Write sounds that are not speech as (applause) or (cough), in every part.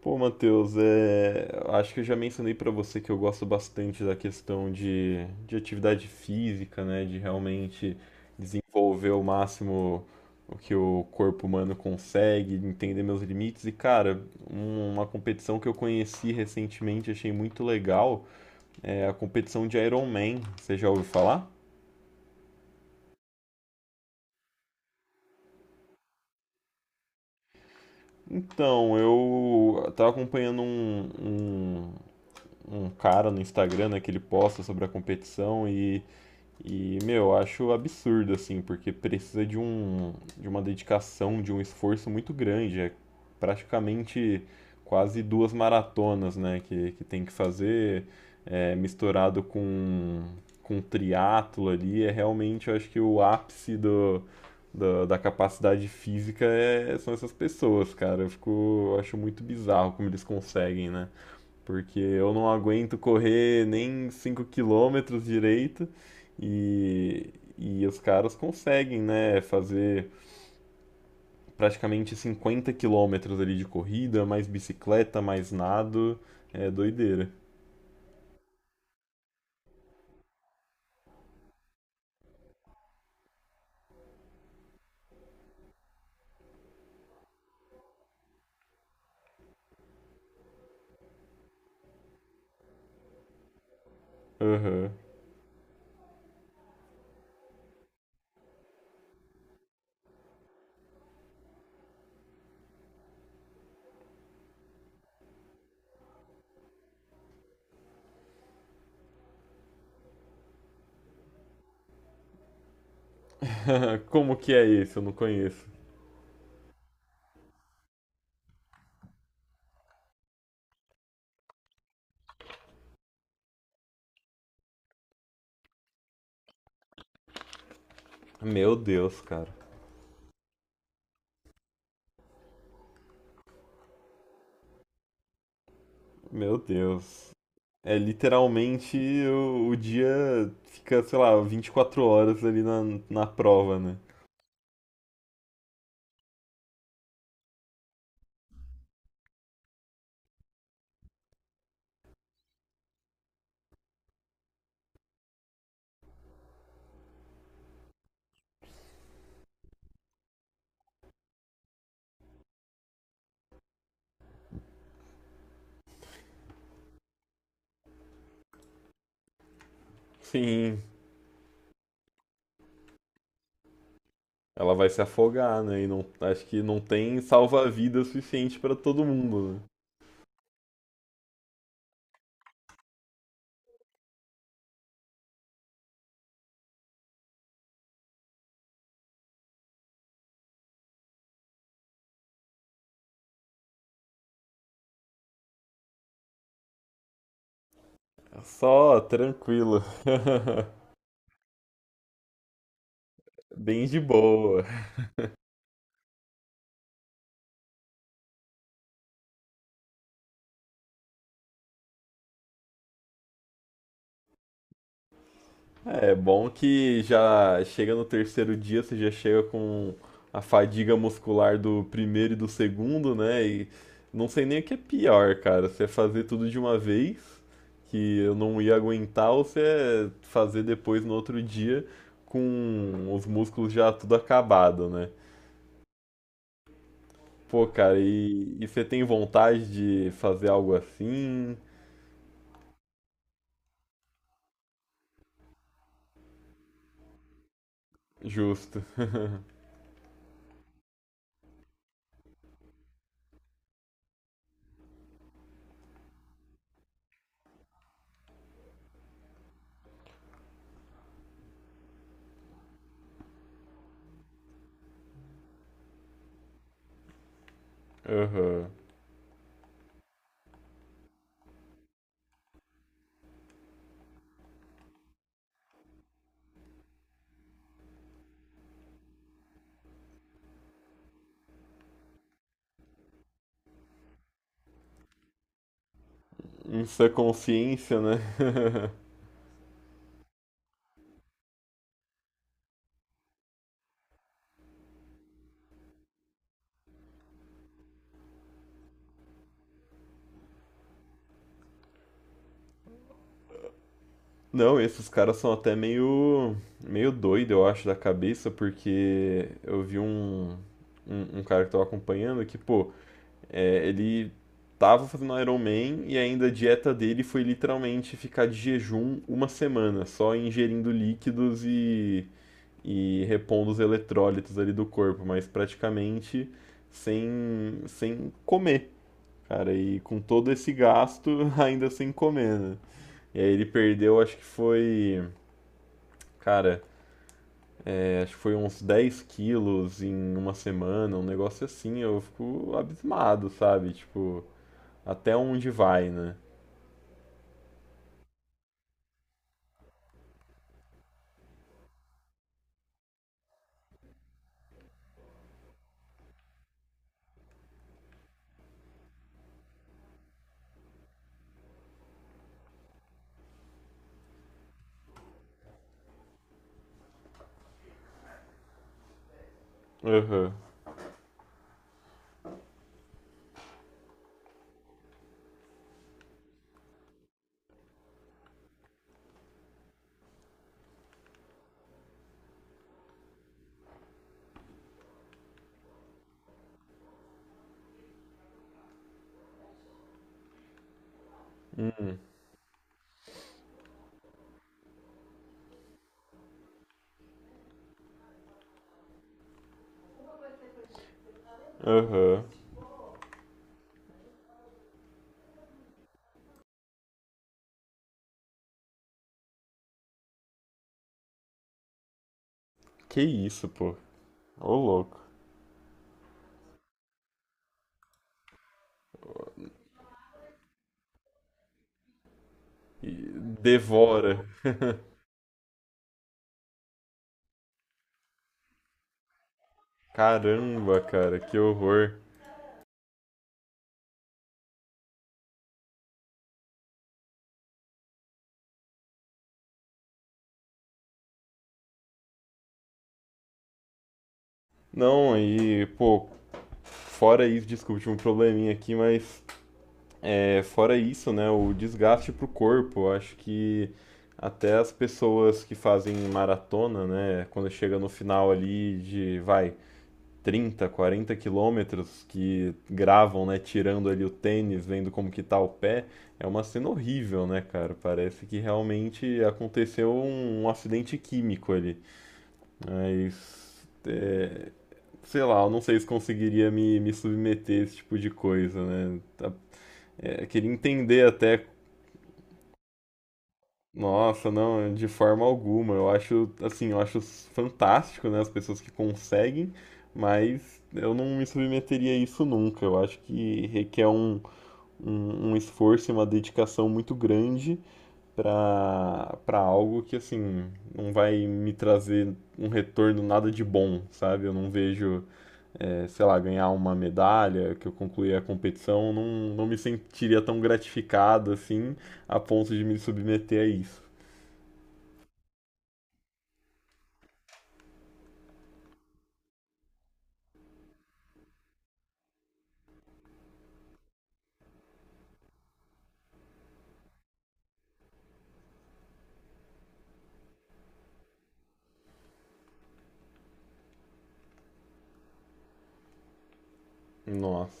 Pô, Matheus, é, acho que eu já mencionei pra você que eu gosto bastante da questão de atividade física, né? De realmente desenvolver o máximo o que o corpo humano consegue, entender meus limites. E, cara, uma competição que eu conheci recentemente, achei muito legal, é a competição de Iron Man. Você já ouviu falar? Então, eu tava acompanhando um, um cara no Instagram, né, que ele posta sobre a competição e. E, meu, eu acho absurdo, assim, porque precisa de uma dedicação, de um esforço muito grande. É praticamente quase duas maratonas, né, que tem que fazer, é, misturado com triatlo ali. É realmente, eu acho que o ápice da capacidade física são essas pessoas, cara. Eu acho muito bizarro como eles conseguem, né? Porque eu não aguento correr nem 5 quilômetros direito e, e os caras conseguem, né, fazer praticamente 50 quilômetros ali de corrida, mais bicicleta, mais nado. É doideira. Aham. (laughs) Como que é esse? Eu não conheço. Meu Deus, cara. Meu Deus. É literalmente o dia fica, sei lá, 24 horas ali na prova, né? Sim. Ela vai se afogar, né? E não, acho que não tem salva-vida suficiente pra todo mundo, né? É. Só tranquilo. (laughs) Bem de boa. É bom que já chega no terceiro dia, você já chega com a fadiga muscular do primeiro e do segundo, né? E não sei nem o que é pior, cara. Você fazer tudo de uma vez, que eu não ia aguentar, ou você fazer depois no outro dia com os músculos já tudo acabado, né? Pô, cara, e, você tem vontade de fazer algo assim? Justo. (laughs) Aham. Isso é consciência, né? (laughs) Não, esses caras são até meio doido, eu acho, da cabeça, porque eu vi um cara que tava acompanhando que, pô, é, ele tava fazendo Iron Man e ainda a dieta dele foi literalmente ficar de jejum uma semana, só ingerindo líquidos e repondo os eletrólitos ali do corpo, mas praticamente sem comer, cara. E com todo esse gasto, (laughs) ainda sem comer, né? E aí ele perdeu, acho que foi. Cara, é, acho que foi uns 10 quilos em uma semana, um negócio assim. Eu fico abismado, sabe? Tipo, até onde vai, né? Aham, uhum, aham. Uhum. Que isso, pô. Ô, louco. E devora. (laughs) Caramba, cara, que horror. Não, aí pô, fora isso, desculpa, tive um probleminha aqui, mas é, fora isso, né, o desgaste pro corpo, eu acho que até as pessoas que fazem maratona, né, quando chega no final ali de, vai, 30 40 quilômetros, que gravam, né, tirando ali o tênis, vendo como que tá o pé, é uma cena horrível, né, cara? Parece que realmente aconteceu um acidente químico ali. Mas é, sei lá, eu não sei se conseguiria me submeter a esse tipo de coisa, né? É, queria entender até. Nossa, não, de forma alguma. Eu acho, assim, eu acho fantástico, né, as pessoas que conseguem, mas eu não me submeteria a isso nunca. Eu acho que requer um esforço e uma dedicação muito grande para algo que, assim, não vai me trazer um retorno nada de bom, sabe? Eu não vejo eh, sei lá, ganhar uma medalha, que eu concluí a competição, não, não me sentiria tão gratificado assim, a ponto de me submeter a isso. Nossa.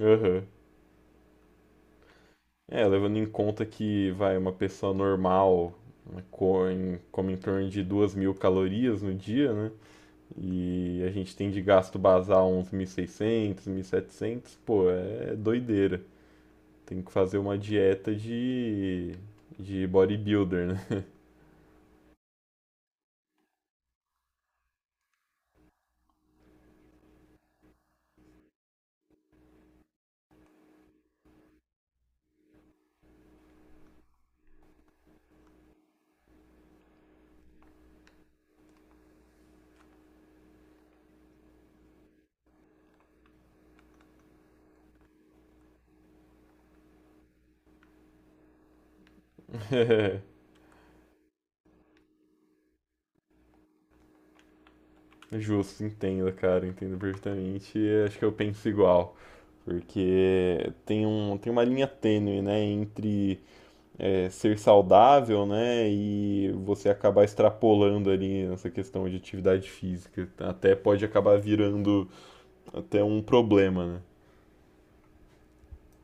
Aham. É, levando em conta que, vai, uma pessoa normal né, come em torno de 2.000 calorias no dia, né? E a gente tem de gasto basal uns 1.600, setecentos, pô, é doideira. Tem que fazer uma dieta de bodybuilder, né? Justo, entendo, cara, entendo perfeitamente. E acho que eu penso igual, porque tem um, tem uma linha tênue, né, entre é, ser saudável, né, e você acabar extrapolando ali nessa questão de atividade física. Até pode acabar virando até um problema, né?